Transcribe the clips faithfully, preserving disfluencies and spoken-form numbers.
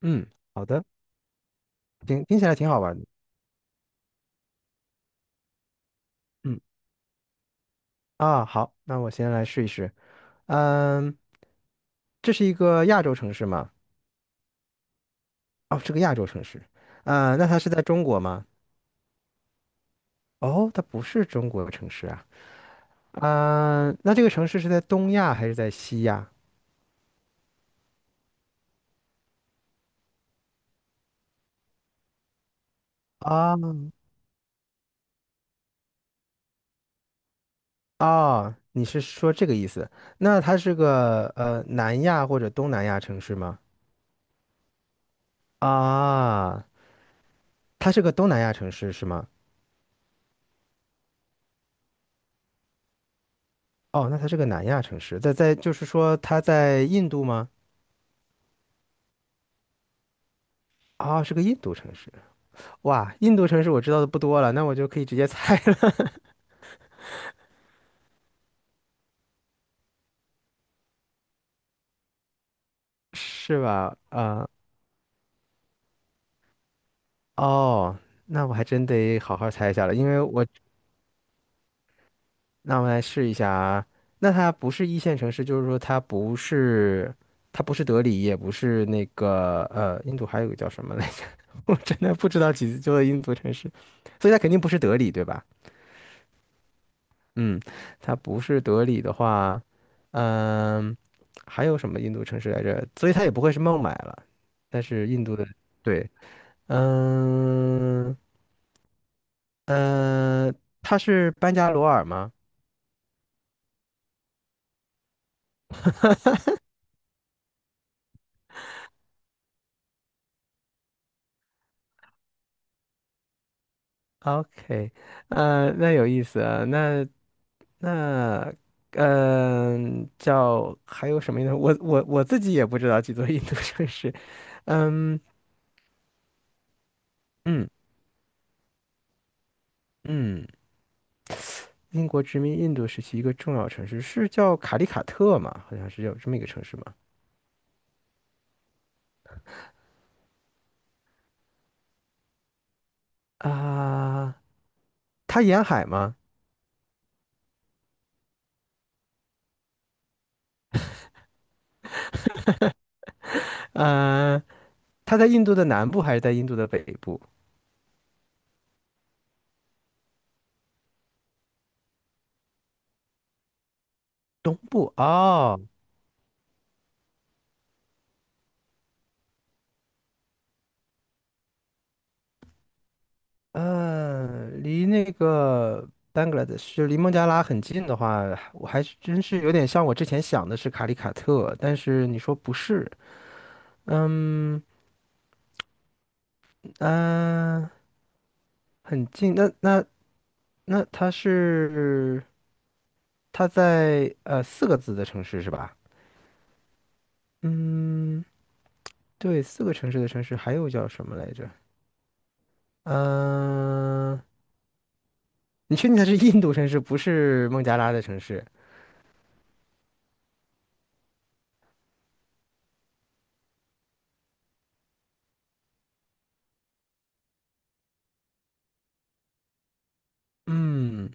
嗯，好的，听听起来挺好玩的。嗯啊，好，那我先来试一试。嗯，这是一个亚洲城市吗？哦，是个亚洲城市。嗯，那它是在中国吗？哦，它不是中国城市啊。嗯，那这个城市是在东亚还是在西亚？啊哦，你是说这个意思？那它是个呃南亚或者东南亚城市吗？啊，它是个东南亚城市是吗？哦，那它是个南亚城市，在在就是说它在印度吗？啊、是个印度城市。哇，印度城市我知道的不多了，那我就可以直接猜了。是吧？啊、哦，那我还真得好好猜一下了，因为我那我来试一下啊。那它不是一线城市，就是说它不是它不是德里，也不是那个呃，印度还有个叫什么来着？我真的不知道几座印度城市，所以它肯定不是德里，对吧？嗯，它不是德里的话。嗯，还有什么印度城市来着？所以它也不会是孟买了，但是印度的，对。嗯呃，它是班加罗尔吗？OK，呃，那有意思啊，那那。嗯，叫还有什么印度？我我我自己也不知道几座印度城市。嗯嗯，英国殖民印度时期一个重要城市是叫卡利卡特嘛？好像是有这么一个城市吧。啊，它沿海吗？嗯，它在印度的南部还是在印度的北部、东部？哦，嗯，离那个 Bangladesh 就离孟加拉很近的话，我还是真是有点像我之前想的是卡里卡特，但是你说不是。嗯嗯、呃很近。那那那它是它在呃四个字的城市是吧？嗯，对，四个城市的城市还有叫什么来着？嗯、你确定它是印度城市，不是孟加拉的城市？嗯，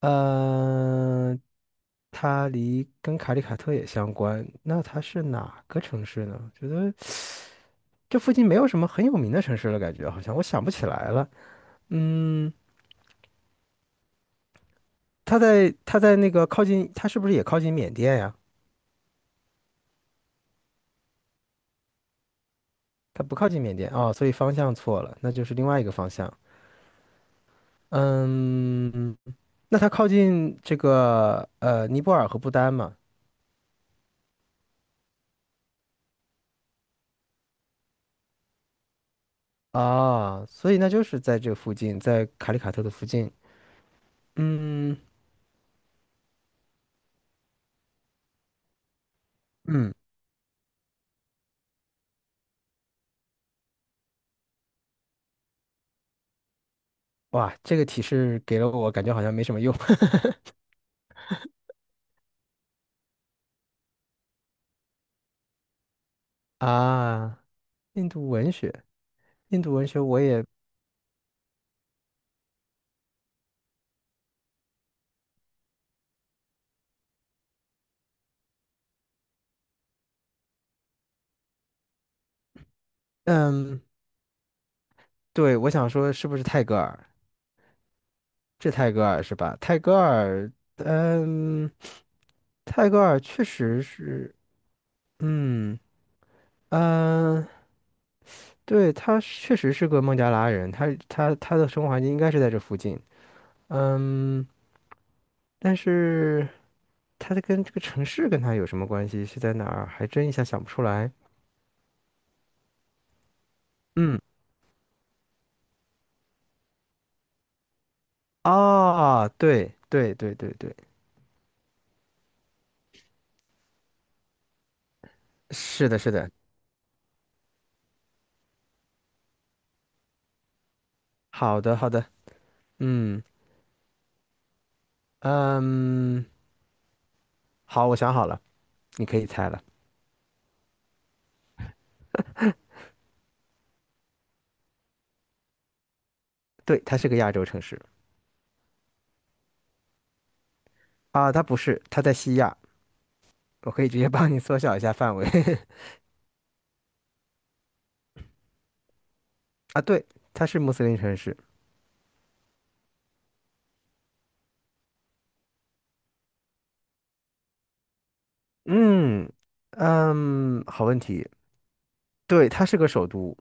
呃，它离跟卡里卡特也相关，那它是哪个城市呢？觉得这附近没有什么很有名的城市了，感觉好像我想不起来了。嗯，它在它在那个靠近，它是不是也靠近缅甸呀？它不靠近缅甸哦，所以方向错了，那就是另外一个方向。嗯，那它靠近这个呃尼泊尔和不丹嘛？啊，所以那就是在这附近，在卡里卡特的附近。嗯嗯，哇，这个提示给了我，感觉好像没什么用。 啊。印度文学，印度文学我也。嗯，对，我想说是不是泰戈尔？这泰戈尔是吧？泰戈尔。嗯，泰戈尔确实是。嗯嗯，呃对，他确实是个孟加拉人，他他他的生活环境应该是在这附近。嗯，但是。它的跟这个城市跟它有什么关系？是在哪儿？还真一下想不出来。嗯，啊，对对对对对，是的，是的。好的，好的。嗯嗯，好，我想好了，你可以猜了。对，它是个亚洲城市。啊，它不是，它在西亚。我可以直接帮你缩小一下范围。 啊，对，它是穆斯林城市。嗯嗯，好问题。对，它是个首都。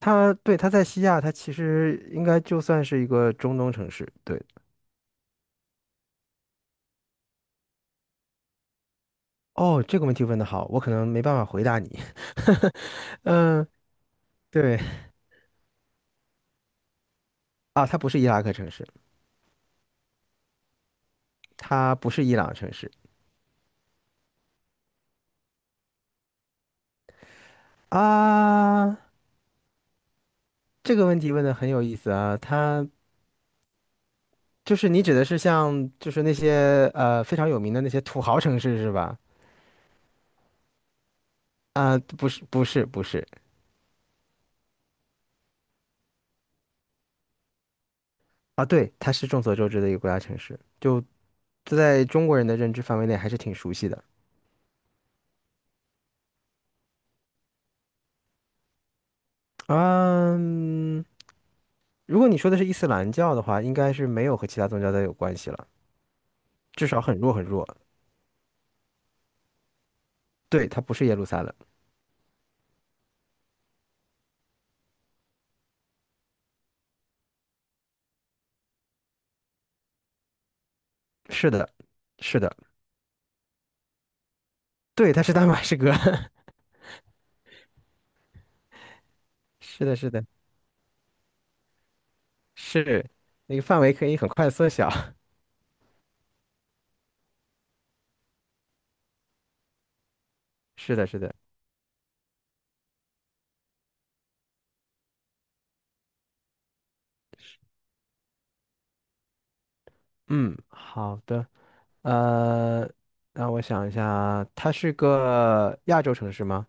它对，它在西亚，它其实应该就算是一个中东城市。对。哦，这个问题问得好，我可能没办法回答你。嗯，对啊，它不是伊拉克城市，它不是伊朗城市啊。这个问题问的很有意思啊，它就是你指的是像就是那些呃非常土豪城市是吧？啊，不是不是不是。啊，对，它是众所周知的一个国家城市，就在中国人的认知范围内还是挺熟悉的。嗯，如果你说的是伊斯兰教的话，应该是没有和其他宗教的有关系了，至少很弱很弱。对，它不是耶路撒冷。是的，是的，对，它是大马士革。是的，是的，是那个范围可以很快缩小。是的，是的。嗯，好的，呃，让我想一下，它是个亚洲城市吗？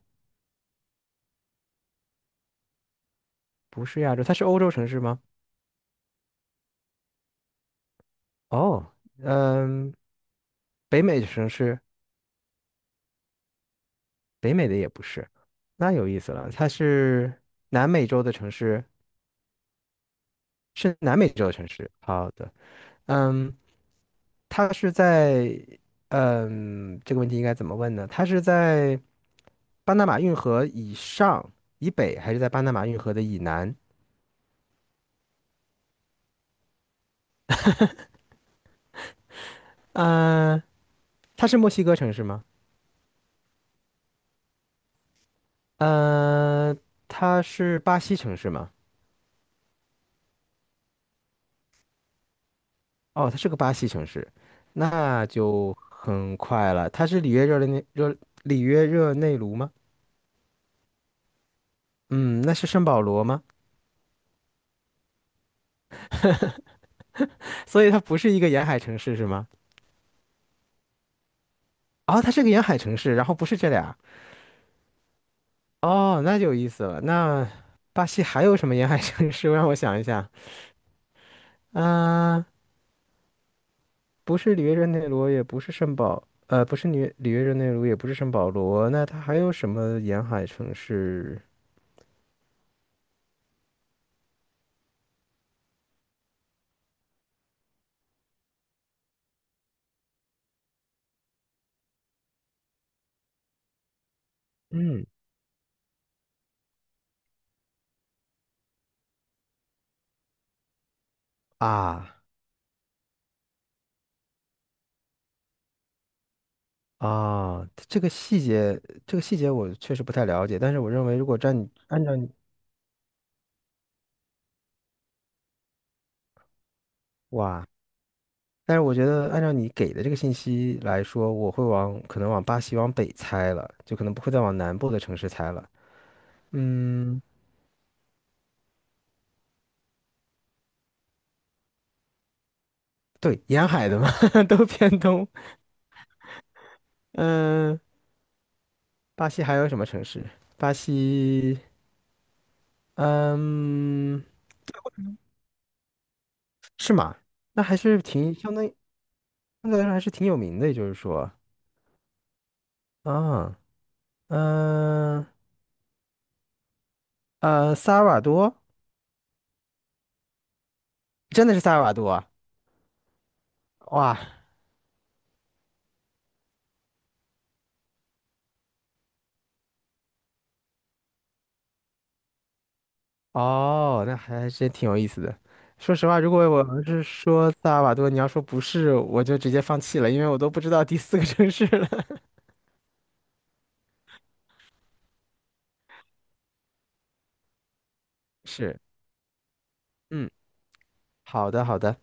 不是亚洲，它是欧洲城市吗？哦，嗯，北美城市？北美的也不是，那有意思了。它是南美洲的城市，是南美洲的城市。好的。嗯，他是在，嗯，这个问题应该怎么问呢？他是在巴拿马运河以上、以北，还是在巴拿马运河的以南？嗯、它是墨西哥城市吗？嗯、它是巴西城市吗？哦，它是个巴西城市，那就很快了。它是里约热内热里约热内卢吗？嗯，那是圣保罗吗？所以它不是一个沿海城市是吗？哦，它是个沿海城市，然后不是这俩。哦，那就有意思了。那巴西还有什么沿海城市？让我想一下。啊、不是里约热内卢，也不是圣保，呃，不是里约里约热内卢，也不是圣保罗。那它还有什么沿海城市？嗯，啊啊，这个细节，这个细节我确实不太了解。但是我认为，如果按你按照你。哇，但是我觉得按照你给的这个信息来说，我会往可能往巴西往北猜了，就可能不会再往南部的城市猜了。嗯。对，沿海的嘛。都偏东。嗯，巴西还有什么城市？巴西。嗯，是吗？那还是挺相当于相对来说还是挺有名的，也就是说。啊。嗯，呃，萨尔瓦多，真的是萨尔瓦多啊！哇。哦，那还真挺有意思的。说实话，如果我要是说萨尔瓦多，你要说不是，我就直接放弃了，因为我都不知道第四个城市了。是，嗯，好的，好的。